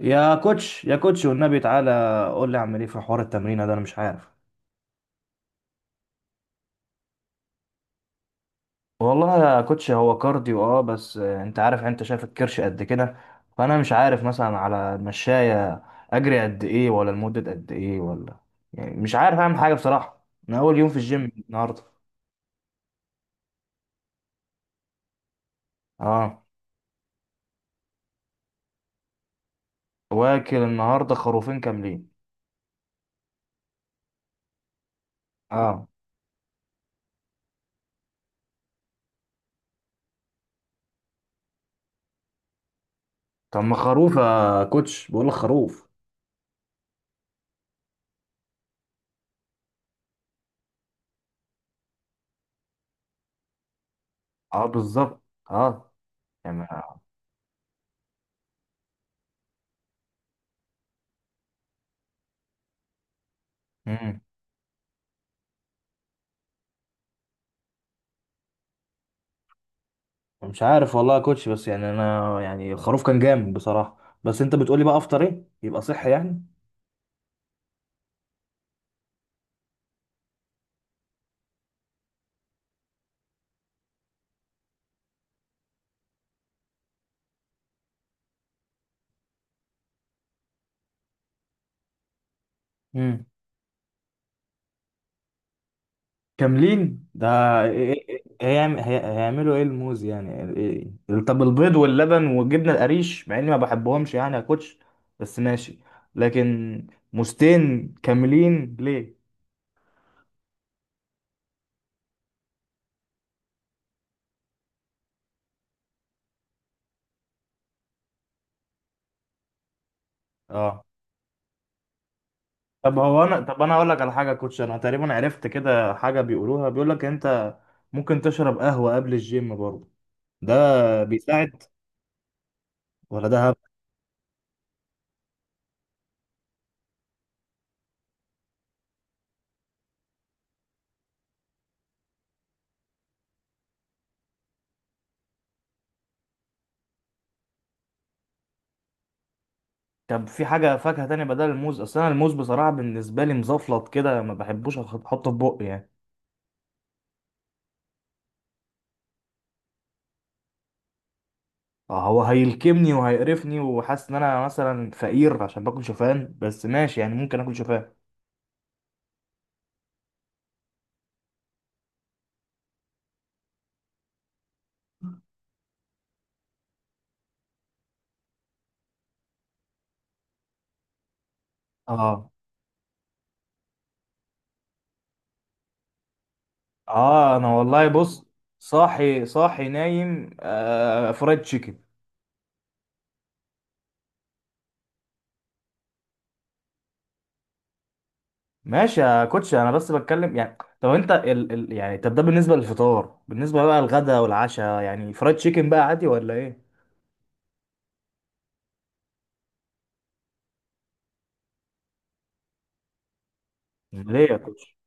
يا كوتش، يا كوتش، والنبي تعالى قول لي اعمل ايه في حوار التمرين ده. انا مش عارف. والله يا كوتش هو كارديو اه بس انت عارف، انت شايف الكرش قد كده. فانا مش عارف مثلا على المشاية اجري قد ايه، ولا لمدة قد ايه، ولا يعني مش عارف اعمل حاجة بصراحة. انا اول يوم في الجيم النهاردة. اه. واكل النهاردة خروفين كاملين. اه. طب ما خروف يا كوتش، بقول لك خروف. اه بالظبط. اه. يعني مش عارف والله يا كوتش، بس يعني انا يعني الخروف كان جامد بصراحه. بس انت بتقولي بقى افطر ايه يبقى صحي يعني؟ امم. كاملين ده؟ إيه؟ إيه هيعملوا ايه الموز يعني؟ إيه؟ إيه؟ طب البيض واللبن والجبنه القريش مع اني ما بحبهمش يعني يا كوتش، بس ماشي، لكن موزتين كاملين ليه؟ اه. طب هو انا، طب انا اقول لك على حاجه يا كوتش، انا تقريبا عرفت كده حاجه بيقولوها، بيقول لك انت ممكن تشرب قهوه قبل الجيم برضه، ده بيساعد ولا ده؟ طب في حاجة فاكهة تانية بدل الموز؟ أصل أنا الموز بصراحة بالنسبة لي مزفلط كده، ما بحبوش أحطه في بقي يعني. هو هيلكمني وهيقرفني، وحاسس إن أنا مثلا فقير عشان باكل شوفان، بس ماشي يعني ممكن آكل شوفان. آه. آه أنا والله بص، صاحي صاحي نايم آه فرايد تشيكن. ماشي يا كوتش، أنا بس بتكلم يعني. طب أنت ال يعني، طب ده بالنسبة للفطار، بالنسبة بقى للغدا والعشاء يعني فرايد تشيكن بقى عادي ولا إيه؟ ليه يا كوتش؟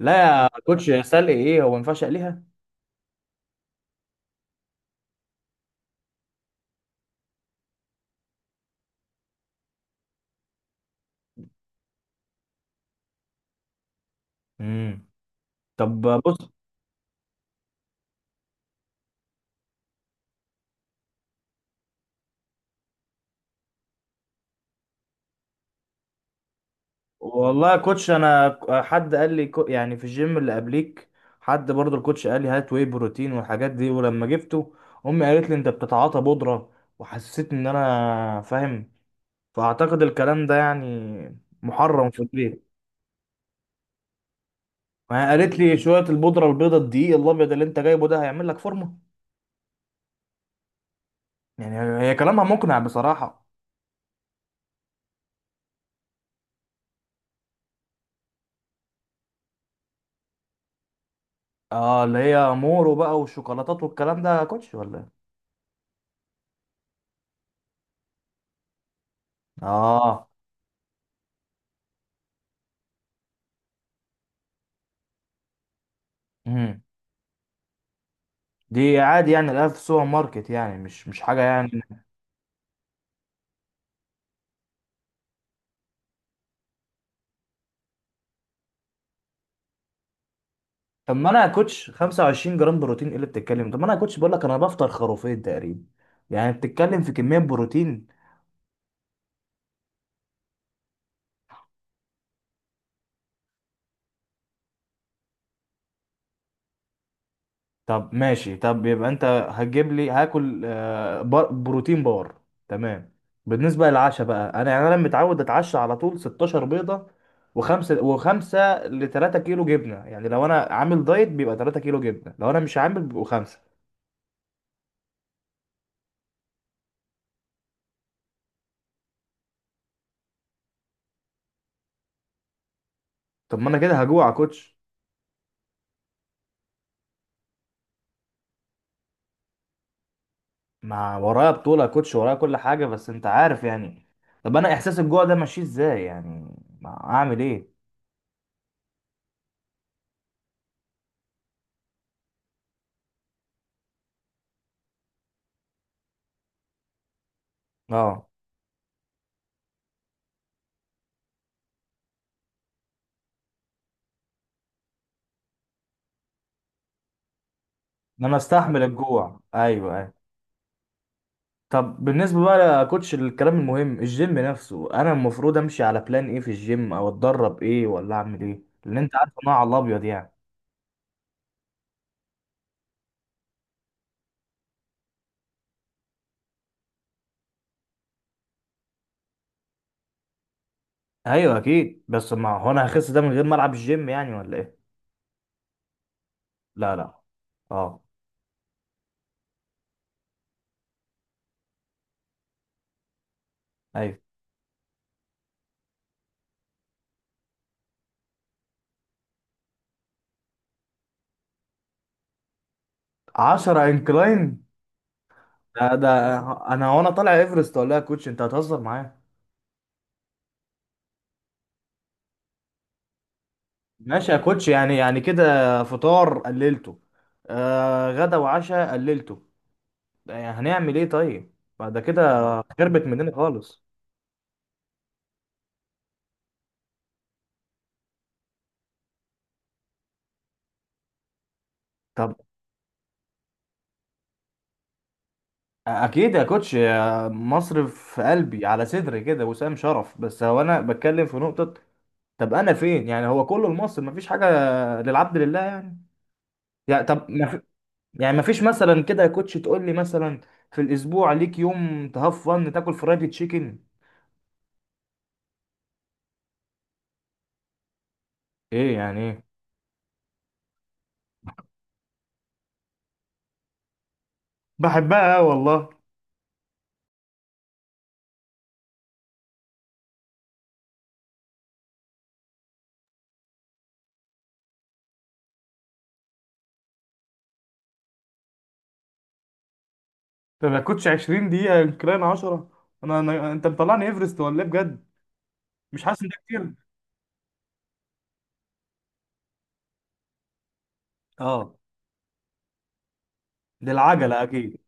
لا يا كوتش، يا سلقي إيه، هو ما ينفعش أقليها؟ امم. طب بص. والله يا كوتش، انا حد قال لي يعني في الجيم اللي قبليك، حد برضه الكوتش قال لي هات واي بروتين والحاجات دي، ولما جبته امي قالت لي انت بتتعاطى بودرة، وحسيت ان انا فاهم، فاعتقد الكلام ده يعني محرم في البيت. ما هي قالت لي شوية البودرة البيضة الدقيق الابيض اللي انت جايبه ده هيعمل لك فورمة. يعني هي كلامها مقنع بصراحة. اه، اللي هي مورو بقى، والشوكولاتات والكلام ده يا كوتش، ولا إيه؟ اه. دي عادي يعني الاقيها في السوبر ماركت يعني، مش مش حاجه يعني. طب ما انا يا كوتش 25 جرام بروتين ايه اللي بتتكلم؟ طب ما انا يا كوتش بقول لك انا بفطر خروفين تقريبا، يعني بتتكلم في كميه بروتين. طب ماشي، طب يبقى انت هتجيب لي هاكل بروتين بار. تمام. بالنسبه للعشاء بقى، انا يعني انا متعود اتعشى على طول 16 بيضه وخمسه، وخمسه ل 3 كيلو جبنه. يعني لو انا عامل دايت بيبقى 3 كيلو جبنه، لو انا مش عامل بيبقوا خمسه. طب ما انا كده هجوع يا كوتش. ما ورايا بطولة يا كوتش، ورايا كل حاجة بس انت عارف يعني. طب انا احساس الجوع ده ماشي ازاي يعني، ما اعمل ايه؟ اه. ان انا استحمل الجوع، ايوه، ايوه. طب بالنسبة بقى يا كوتش الكلام المهم، الجيم نفسه انا المفروض امشي على بلان ايه في الجيم، او اتدرب ايه، ولا اعمل ايه، لان انت عارف إن انا على الابيض يعني. ايوه اكيد، بس ما هو انا هخس ده من غير ما العب الجيم يعني ولا ايه؟ لا، لا. اه. ايوه. 10 انكلاين؟ ده انا وانا طالع ايفرست ولا إيه يا كوتش؟ انت هتهزر معايا؟ ماشي يا كوتش يعني كده. فطار قللته، آه غدا وعشاء قللته، يعني هنعمل ايه طيب بعد كده؟ خربت مننا خالص. طب. اكيد يا كوتش، يا مصر في قلبي على صدري كده وسام شرف، بس هو انا بتكلم في نقطة. طب انا فين يعني، هو كله لمصر مفيش حاجة للعبد لله يعني؟ يعني طب يعني مفيش مثلا كده يا كوتش تقول لي مثلا في الاسبوع ليك يوم تهفن تاكل فرايدي تشيكن؟ ايه يعني ايه؟ بحبها والله. ده ما كنتش 20 دقيقة، يمكن أنا 10. أنا أنت مطلعني إيفرست ولا إيه بجد؟ مش حاسس إن ده كتير؟ أه. دي العجلة أكيد.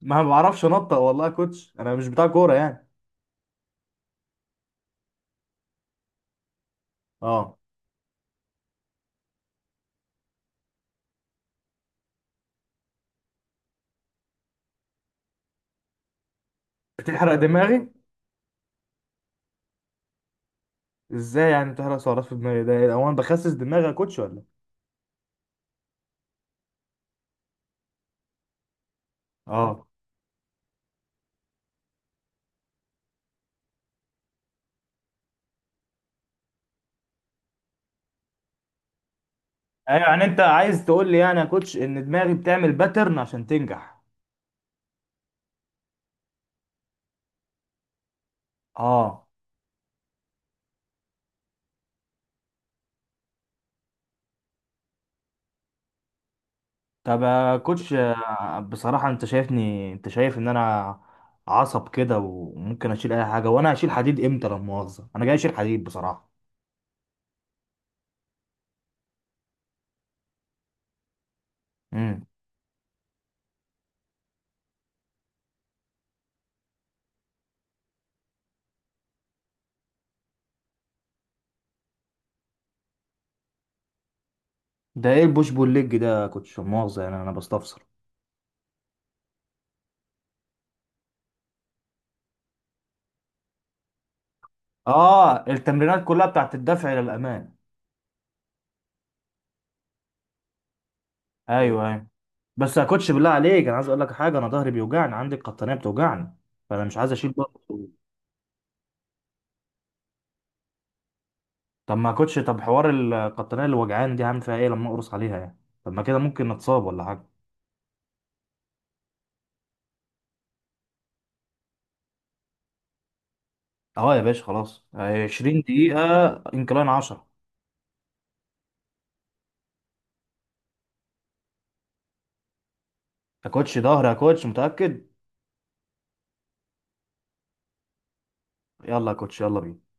ما بعرفش أنطق والله يا كوتش، أنا مش بتاع كورة يعني. أه. بتحرق دماغي؟ إزاي يعني بتحرق سعرات في دماغي؟ ده هو أنا بخسس دماغي يا كوتش ولا؟ إيه؟ أه. أيوه، يعني أنت عايز تقول لي يعني يا كوتش إن دماغي بتعمل باترن عشان تنجح؟ أه. طب يا كوتش بصراحة انت شايفني، انت شايف ان انا عصب كده وممكن اشيل اي حاجة، وانا هشيل حديد امتى؟ لا مؤاخذة، انا جاي اشيل حديد بصراحة. امم. ده ايه البوش بول ليج ده يا كوتش، لا مؤاخذة يعني انا بستفسر. اه، التمرينات كلها بتاعت الدفع الى الامام ايوه، ايوه. بس يا كوتش بالله عليك، انا عايز اقول لك حاجة، انا ظهري بيوجعني، عندي القطنية بتوجعني، فانا مش عايز اشيل برضه. طب ما يا كوتش، طب حوار القطنية اللي وجعاني دي هعمل فيها ايه لما اقرص عليها يعني؟ طب ما كده ممكن نتصاب ولا حاجة؟ اه يا باشا، خلاص، 20 دقيقة، انكلاين 10. يا كوتش ظهر يا كوتش، متأكد؟ يلا يا كوتش، يلا بينا.